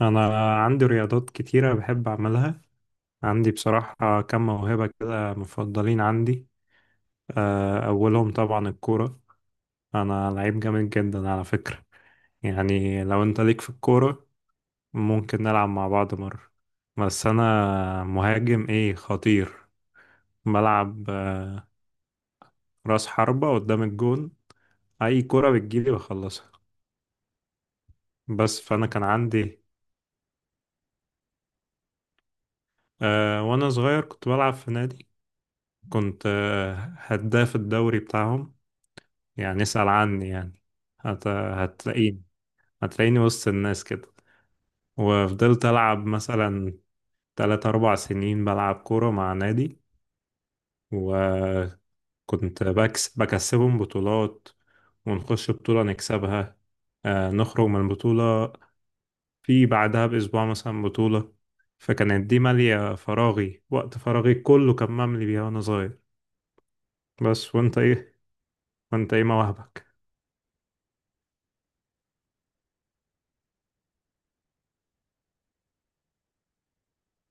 أنا عندي رياضات كتيرة بحب أعملها. عندي بصراحة كم موهبة كده مفضلين عندي. أولهم طبعا الكورة. أنا لعيب جامد جدا على فكرة. يعني لو أنت ليك في الكورة، ممكن نلعب مع بعض مرة. بس أنا مهاجم إيه خطير. بلعب رأس حربة قدام الجون. أي كرة بتجيلي بخلصها. بس فأنا كان عندي وأنا صغير كنت بلعب في نادي. كنت هداف الدوري بتاعهم، يعني اسأل عني يعني. هتلاقيني، هتلاقيني وسط الناس كده. وفضلت ألعب مثلا تلات أربع سنين بلعب كورة مع نادي، وكنت بكسبهم بطولات. ونخش بطولة نكسبها نخرج من البطولة، في بعدها بأسبوع مثلا بطولة. فكانت دي مالية فراغي، وقت فراغي كله كان مملي بيها وأنا صغير. بس وأنت إيه وأنت إيه مواهبك؟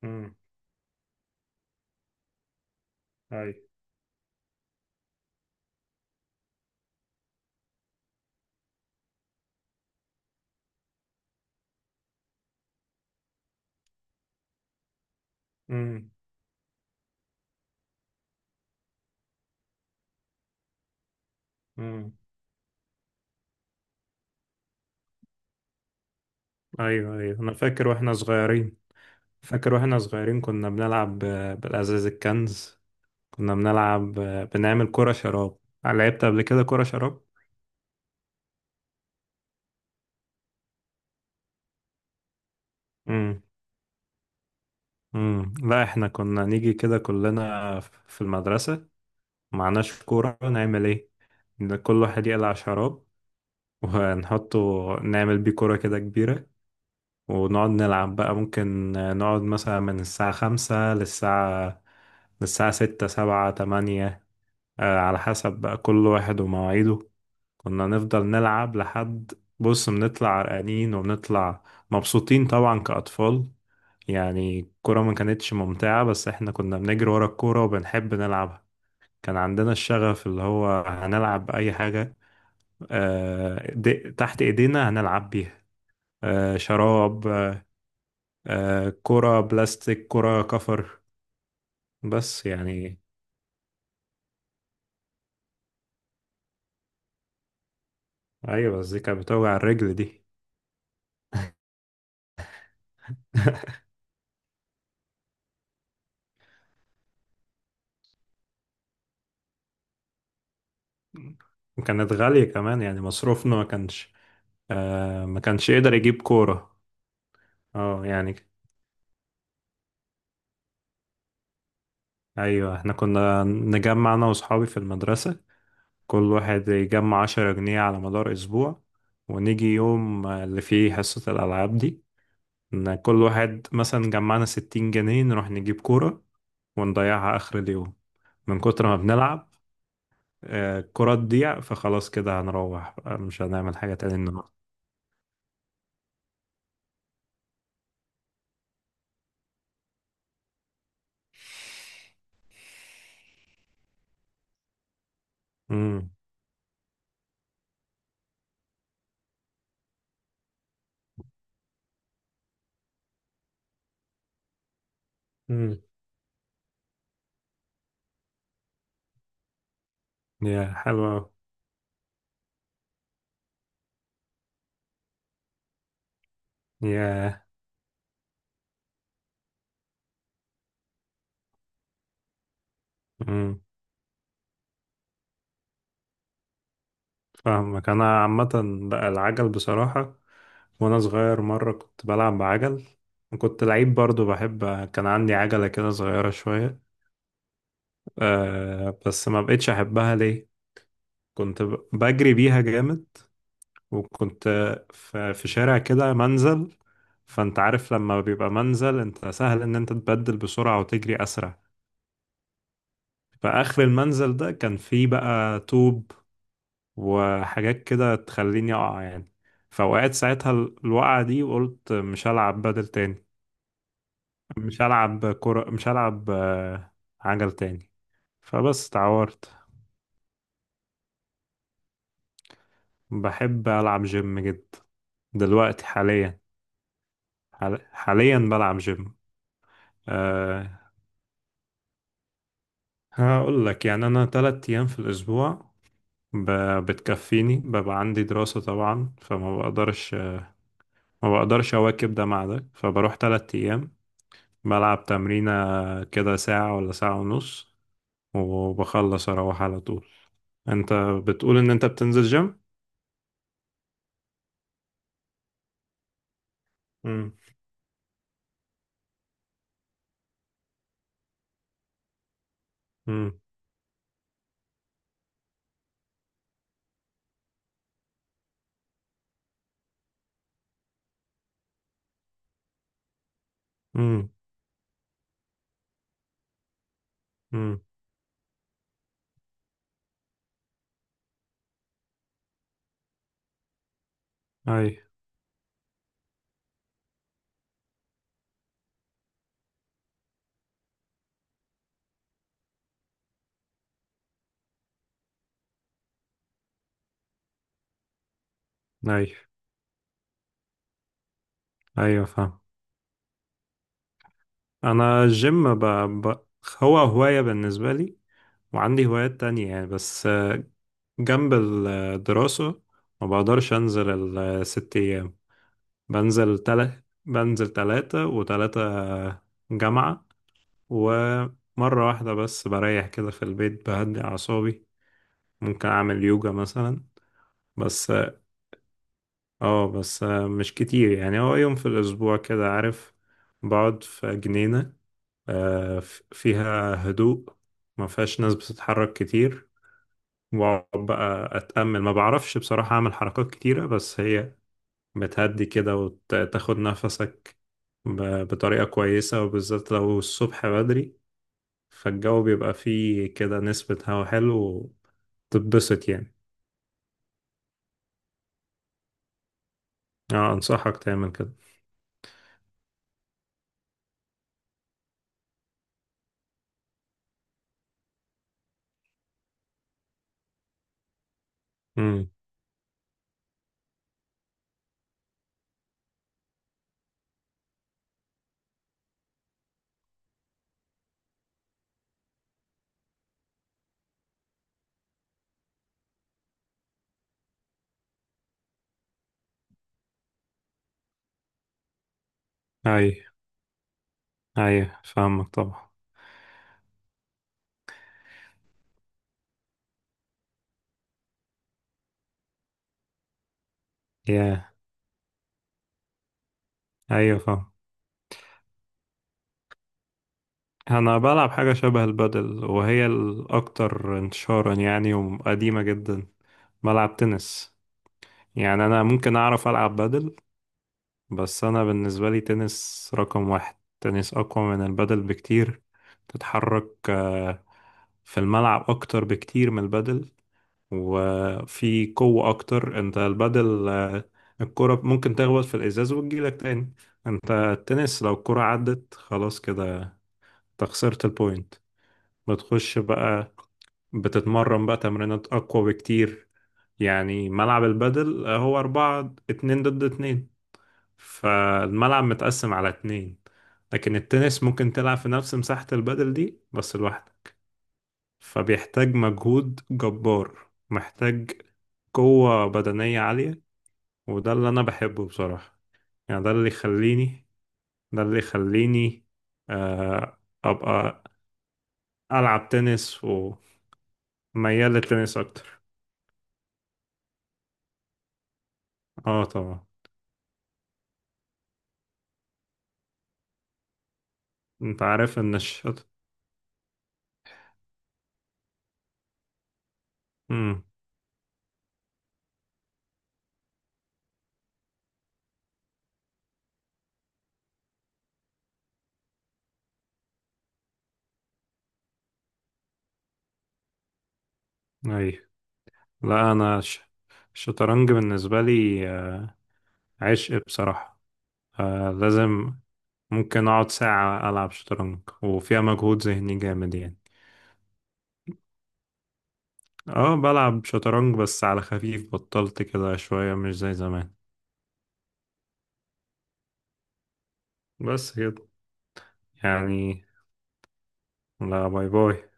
امم. اي. امم. ايوه، ايوه، انا فاكر واحنا صغيرين. فاكر واحنا صغيرين كنا بنلعب بالازاز الكنز. كنا بنلعب بنعمل كرة شراب. لعبت قبل كده كرة شراب؟ امم. امم. لا، احنا كنا نيجي كده كلنا في المدرسة، معناش كورة نعمل ايه، إن كل واحد يقلع شراب ونحطه، نعمل بيه كرة كده كبيرة. ونقعد نلعب بقى، ممكن نقعد مثلا من الساعة خمسة للساعة ستة سبعة تمانية، على حسب بقى كل واحد ومواعيده. كنا نفضل نلعب لحد، بص، بنطلع عرقانين وبنطلع مبسوطين طبعا كأطفال. يعني الكورة ما كانتش ممتعة بس احنا كنا بنجري ورا الكورة وبنحب نلعبها. كان عندنا الشغف اللي هو هنلعب أي حاجة تحت إيدينا هنلعب بيها. شراب، كرة بلاستيك، كرة كفر. بس يعني، أيوة بس دي كانت بتوجع الرجل دي. وكانت غالية كمان يعني مصروفنا ما كانش، ما كانش يقدر يجيب كورة. اه يعني، ايوه احنا كنا نجمع انا واصحابي في المدرسة، كل واحد يجمع 10 جنيه على مدار اسبوع، ونيجي يوم اللي فيه حصة الالعاب دي، ان كل واحد مثلا جمعنا 60 جنيه نروح نجيب كورة، ونضيعها اخر اليوم من كتر ما بنلعب. الكرة تضيع فخلاص كده هنروح، مش هنعمل حاجة تاني النهاردة. امم. امم. يا حلوة أوي. ياه. امم. فاهمك انا عامه. بقى العجل بصراحه، وانا صغير مره كنت بلعب بعجل، وكنت لعيب برضو بحب، كان عندي عجله كده صغيره شويه. أه، بس ما بقتش احبها. ليه؟ كنت بجري بيها جامد، وكنت في شارع كده منزل. فانت عارف لما بيبقى منزل انت سهل ان انت تبدل بسرعه وتجري اسرع. فاخر المنزل ده كان فيه بقى طوب وحاجات كده تخليني اقع يعني. فوقعت ساعتها الوقعة دي، وقلت مش هلعب بدل تاني، مش هلعب كرة، مش هلعب عجل تاني، فبس اتعورت. بحب ألعب جيم جدا. دلوقتي حاليا بلعب جيم. أه، هقول لك يعني أنا 3 أيام في الأسبوع ب- بتكفيني، ببقى عندي دراسة طبعا فما بقدرش، ما بقدرش أواكب ده مع ده، فبروح 3 أيام بلعب تمرينة كده ساعة ولا ساعة ونص، وبخلص أروح على طول. أنت بتقول إن أنت بتنزل جيم؟ مم. مم. مم. مم. أي، أي، أيوة، فاهم. أنا الجيم ب... هو هواية بالنسبة لي، وعندي هوايات تانية يعني، بس جنب الدراسة ما بقدرش أنزل الست أيام. بنزل 3 و3 جامعة، ومرة واحدة بس بريح كده في البيت بهدي أعصابي. ممكن أعمل يوجا مثلا. بس اه بس مش كتير يعني، هو يوم في الأسبوع كده، عارف، بقعد في جنينة، فيها هدوء، ما فيهاش ناس بتتحرك كتير، وأقعد بقى أتأمل. ما بعرفش بصراحة أعمل حركات كتيرة، بس هي بتهدي كده وتاخد نفسك بطريقة كويسة، وبالذات لو الصبح بدري، فالجو بيبقى فيه كده نسبة هوا حلو، تتبسط يعني. اه، انصحك تعمل كده. امم. اي، اي، فاهمك طبعا. يا ايوه، فاهم. انا بلعب حاجة شبه البادل، وهي الاكتر انتشارا يعني، وقديمة جدا. بلعب تنس. يعني انا ممكن اعرف العب بادل، بس انا بالنسبة لي تنس رقم واحد، تنس اقوى من البادل بكتير. تتحرك في الملعب اكتر بكتير من البادل، وفي قوة أكتر. أنت البدل الكرة ممكن تخبط في الإزاز وتجيلك تاني. أنت التنس لو الكرة عدت خلاص كده أنت خسرت البوينت، بتخش بقى بتتمرن بقى تمرينات أقوى بكتير. يعني ملعب البدل هو أربعة، اتنين ضد اتنين، فالملعب متقسم على اتنين، لكن التنس ممكن تلعب في نفس مساحة البدل دي بس لوحدك، فبيحتاج مجهود جبار، محتاج قوة بدنية عالية، وده اللي انا بحبه بصراحة. يعني ده اللي يخليني آه، ابقى العب تنس، وميال للتنس اكتر. اه طبعا. انت عارف ان الشط. امم. اي. لا، انا الشطرنج بالنسبة لي عشق بصراحة، لازم. ممكن اقعد ساعة العب شطرنج وفيها مجهود ذهني جامد يعني. اه، بلعب شطرنج بس على خفيف، بطلت كده شوية مش زي زمان. بس كده يعني. لا، باي، باي.